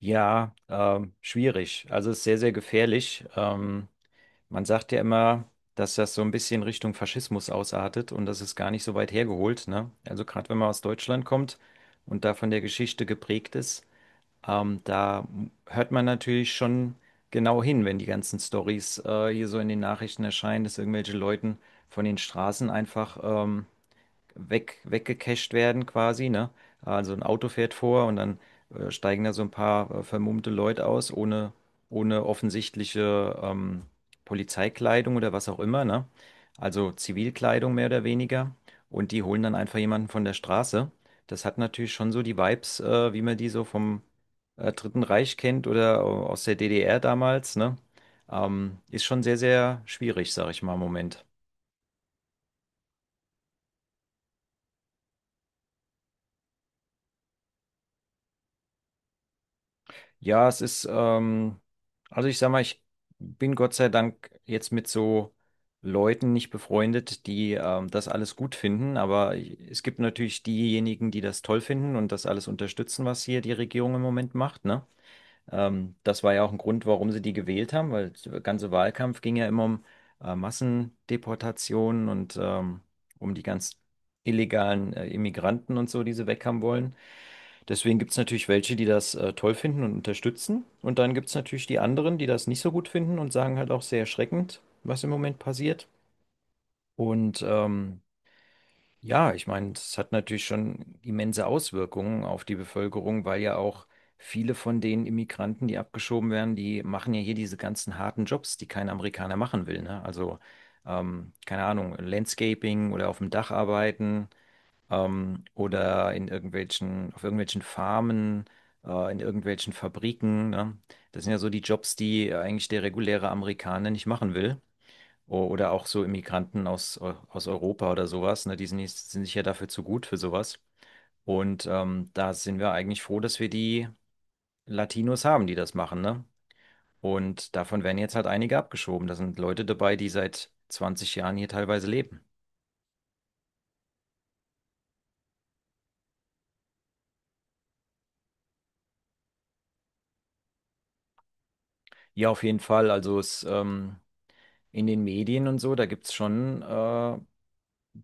Ja, schwierig. Also es ist sehr, sehr gefährlich. Man sagt ja immer, dass das so ein bisschen Richtung Faschismus ausartet und das ist gar nicht so weit hergeholt, ne? Also gerade wenn man aus Deutschland kommt und da von der Geschichte geprägt ist, da hört man natürlich schon genau hin, wenn die ganzen Storys hier so in den Nachrichten erscheinen, dass irgendwelche Leuten von den Straßen einfach weggecached werden quasi, ne? Also ein Auto fährt vor und dann steigen da so ein paar vermummte Leute aus, ohne offensichtliche Polizeikleidung oder was auch immer, ne? Also Zivilkleidung mehr oder weniger. Und die holen dann einfach jemanden von der Straße. Das hat natürlich schon so die Vibes, wie man die so vom Dritten Reich kennt oder aus der DDR damals, ne? Ist schon sehr, sehr schwierig, sag ich mal, im Moment. Ja, es ist, also ich sag mal, ich bin Gott sei Dank jetzt mit so Leuten nicht befreundet, die das alles gut finden, aber es gibt natürlich diejenigen, die das toll finden und das alles unterstützen, was hier die Regierung im Moment macht, ne? Das war ja auch ein Grund, warum sie die gewählt haben, weil der ganze Wahlkampf ging ja immer um Massendeportationen und um die ganz illegalen Immigranten und so, die sie weg haben wollen. Deswegen gibt es natürlich welche, die das toll finden und unterstützen. Und dann gibt es natürlich die anderen, die das nicht so gut finden und sagen halt auch sehr erschreckend, was im Moment passiert. Und ja, ich meine, das hat natürlich schon immense Auswirkungen auf die Bevölkerung, weil ja auch viele von den Immigranten, die abgeschoben werden, die machen ja hier diese ganzen harten Jobs, die kein Amerikaner machen will. Ne? Also, keine Ahnung, Landscaping oder auf dem Dach arbeiten, oder in irgendwelchen, auf irgendwelchen Farmen, in irgendwelchen Fabriken, ne? Das sind ja so die Jobs, die eigentlich der reguläre Amerikaner nicht machen will. Oder auch so Immigranten aus Europa oder sowas, ne? Die sind, nicht- sind sich ja dafür zu gut für sowas. Und da sind wir eigentlich froh, dass wir die Latinos haben, die das machen, ne? Und davon werden jetzt halt einige abgeschoben. Da sind Leute dabei, die seit 20 Jahren hier teilweise leben. Ja, auf jeden Fall. Also in den Medien und so, da gibt es schon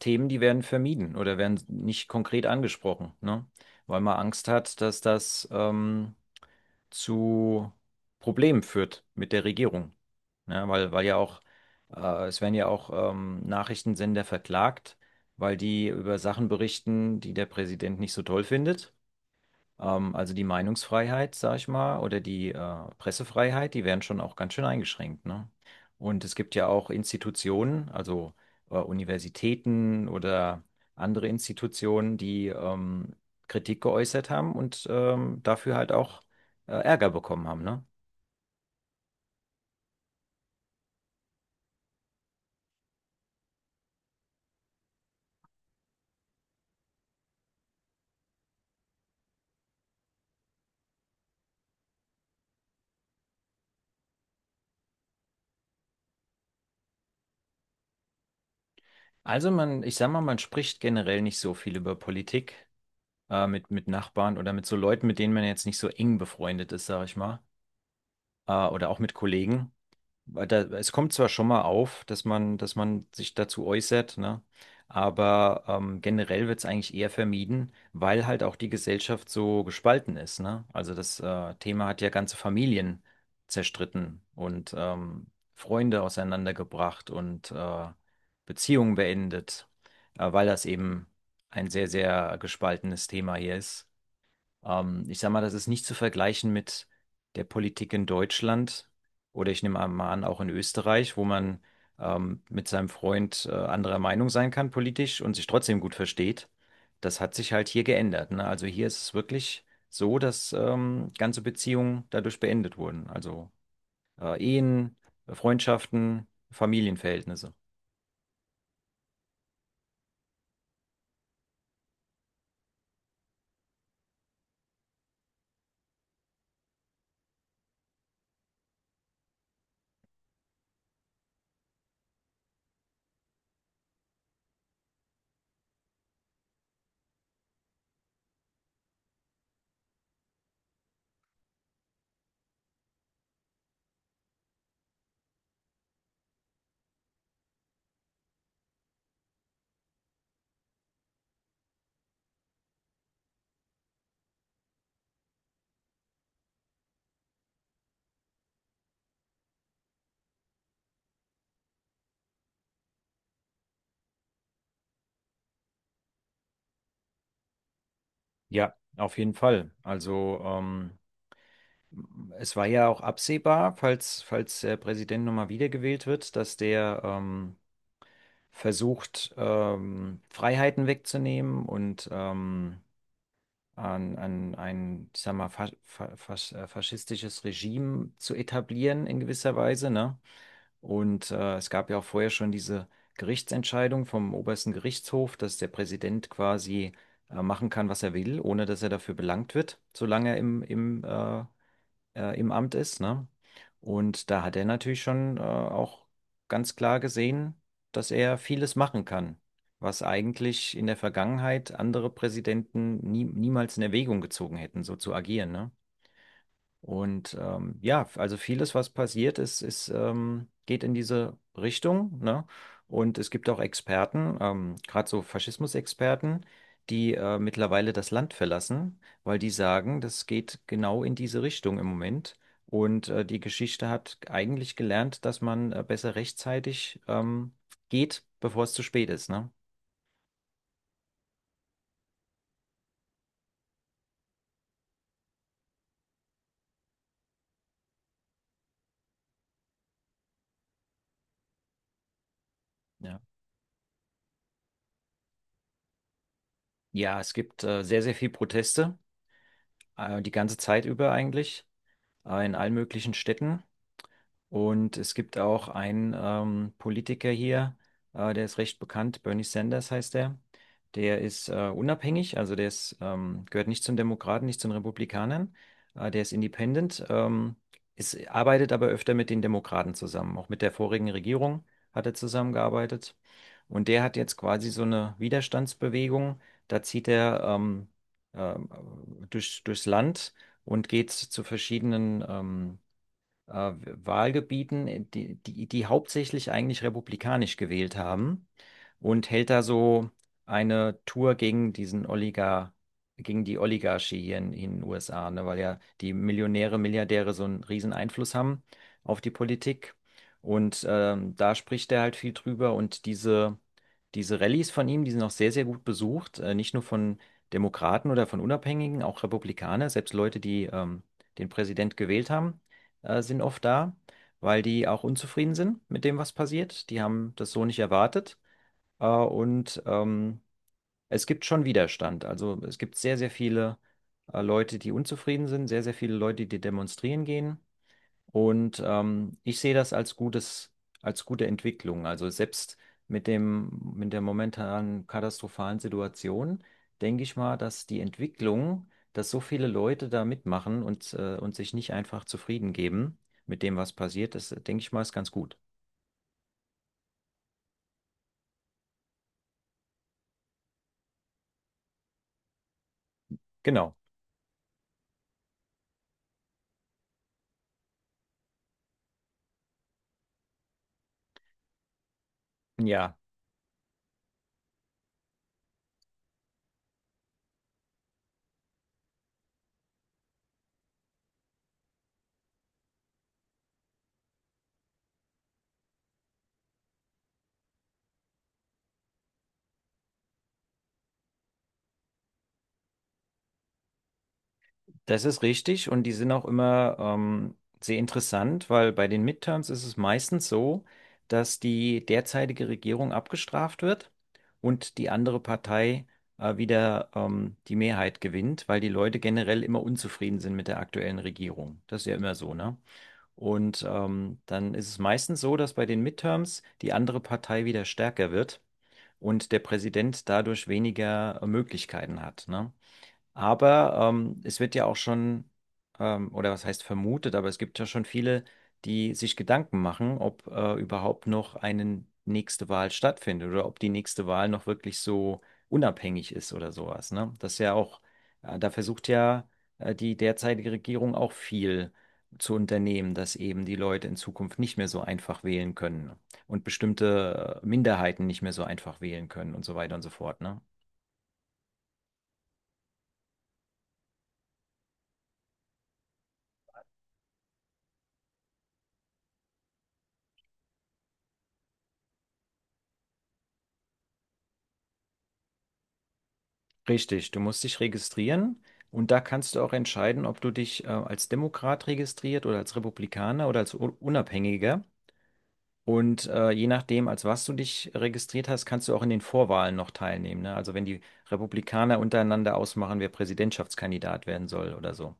Themen, die werden vermieden oder werden nicht konkret angesprochen, ne? Weil man Angst hat, dass das zu Problemen führt mit der Regierung. Ja, weil ja auch, es werden ja auch Nachrichtensender verklagt, weil die über Sachen berichten, die der Präsident nicht so toll findet. Also die Meinungsfreiheit, sag ich mal, oder die Pressefreiheit, die werden schon auch ganz schön eingeschränkt, ne? Und es gibt ja auch Institutionen, also Universitäten oder andere Institutionen, die Kritik geäußert haben und dafür halt auch Ärger bekommen haben, ne? Also man, ich sag mal, man spricht generell nicht so viel über Politik, mit Nachbarn oder mit so Leuten, mit denen man jetzt nicht so eng befreundet ist, sag ich mal, oder auch mit Kollegen. Weil da, es kommt zwar schon mal auf, dass dass man sich dazu äußert, ne? Aber generell wird es eigentlich eher vermieden, weil halt auch die Gesellschaft so gespalten ist, ne? Also das Thema hat ja ganze Familien zerstritten und Freunde auseinandergebracht und Beziehungen beendet, weil das eben ein sehr, sehr gespaltenes Thema hier ist. Ich sag mal, das ist nicht zu vergleichen mit der Politik in Deutschland oder ich nehme mal an, auch in Österreich, wo man mit seinem Freund anderer Meinung sein kann politisch und sich trotzdem gut versteht. Das hat sich halt hier geändert, ne? Also hier ist es wirklich so, dass ganze Beziehungen dadurch beendet wurden. Also Ehen, Freundschaften, Familienverhältnisse. Ja, auf jeden Fall. Also es war ja auch absehbar, falls der Präsident nochmal wiedergewählt wird, dass der versucht, Freiheiten wegzunehmen und an ein, ich sag mal, fa fa fas faschistisches Regime zu etablieren in gewisser Weise, ne? Und es gab ja auch vorher schon diese Gerichtsentscheidung vom obersten Gerichtshof, dass der Präsident quasi machen kann, was er will, ohne dass er dafür belangt wird, solange er im Amt ist, ne? Und da hat er natürlich schon auch ganz klar gesehen, dass er vieles machen kann, was eigentlich in der Vergangenheit andere Präsidenten niemals in Erwägung gezogen hätten, so zu agieren, ne? Und ja, also vieles, was passiert ist, geht in diese Richtung, ne? Und es gibt auch Experten, gerade so Faschismusexperten, die mittlerweile das Land verlassen, weil die sagen, das geht genau in diese Richtung im Moment. Und die Geschichte hat eigentlich gelernt, dass man besser rechtzeitig geht, bevor es zu spät ist, ne? Ja, ja, es gibt sehr, sehr viel Proteste, die ganze Zeit über eigentlich, in allen möglichen Städten. Und es gibt auch einen Politiker hier, der ist recht bekannt, Bernie Sanders heißt er. Der ist unabhängig, also gehört nicht zu den Demokraten, nicht zu den Republikanern. Der ist independent, arbeitet aber öfter mit den Demokraten zusammen. Auch mit der vorigen Regierung hat er zusammengearbeitet. Und der hat jetzt quasi so eine Widerstandsbewegung. Da zieht er ähm, durchs Land und geht zu verschiedenen äh, Wahlgebieten, die hauptsächlich eigentlich republikanisch gewählt haben, und hält da so eine Tour gegen die Oligarchie hier in den USA, ne, weil ja die Millionäre, Milliardäre so einen riesen Einfluss haben auf die Politik. Und da spricht er halt viel drüber, und diese Rallyes von ihm, die sind auch sehr, sehr gut besucht, nicht nur von Demokraten oder von Unabhängigen, auch Republikaner, selbst Leute, die den Präsident gewählt haben, sind oft da, weil die auch unzufrieden sind mit dem, was passiert. Die haben das so nicht erwartet. Und es gibt schon Widerstand. Also es gibt sehr, sehr viele Leute, die unzufrieden sind, sehr, sehr viele Leute, die demonstrieren gehen. Und ich sehe das als gutes, als gute Entwicklung. Also selbst mit dem, mit der momentanen katastrophalen Situation denke ich mal, dass die Entwicklung, dass so viele Leute da mitmachen und sich nicht einfach zufrieden geben mit dem, was passiert, das denke ich mal, ist ganz gut. Genau. Ja. Das ist richtig und die sind auch immer sehr interessant, weil bei den Midterms ist es meistens so, dass die derzeitige Regierung abgestraft wird und die andere Partei wieder die Mehrheit gewinnt, weil die Leute generell immer unzufrieden sind mit der aktuellen Regierung. Das ist ja immer so, ne? Und dann ist es meistens so, dass bei den Midterms die andere Partei wieder stärker wird und der Präsident dadurch weniger Möglichkeiten hat, ne? Aber es wird ja auch oder was heißt vermutet, aber es gibt ja schon viele, die sich Gedanken machen, ob überhaupt noch eine nächste Wahl stattfindet oder ob die nächste Wahl noch wirklich so unabhängig ist oder sowas. Ne? Das ist ja auch, da versucht ja die derzeitige Regierung auch viel zu unternehmen, dass eben die Leute in Zukunft nicht mehr so einfach wählen können und bestimmte Minderheiten nicht mehr so einfach wählen können und so weiter und so fort. Ne? Richtig, du musst dich registrieren, und da kannst du auch entscheiden, ob du dich als Demokrat registriert oder als Republikaner oder als Unabhängiger. Und je nachdem, als was du dich registriert hast, kannst du auch in den Vorwahlen noch teilnehmen. Ne? Also wenn die Republikaner untereinander ausmachen, wer Präsidentschaftskandidat werden soll oder so.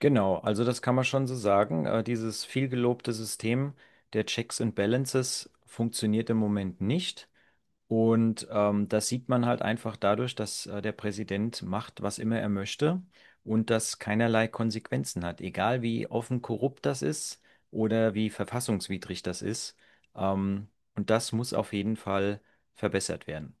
Genau, also das kann man schon so sagen. Dieses vielgelobte System der Checks and Balances funktioniert im Moment nicht. Und das sieht man halt einfach dadurch, dass der Präsident macht, was immer er möchte, und das keinerlei Konsequenzen hat. Egal wie offen korrupt das ist oder wie verfassungswidrig das ist. Ähm, und das muss auf jeden Fall verbessert werden.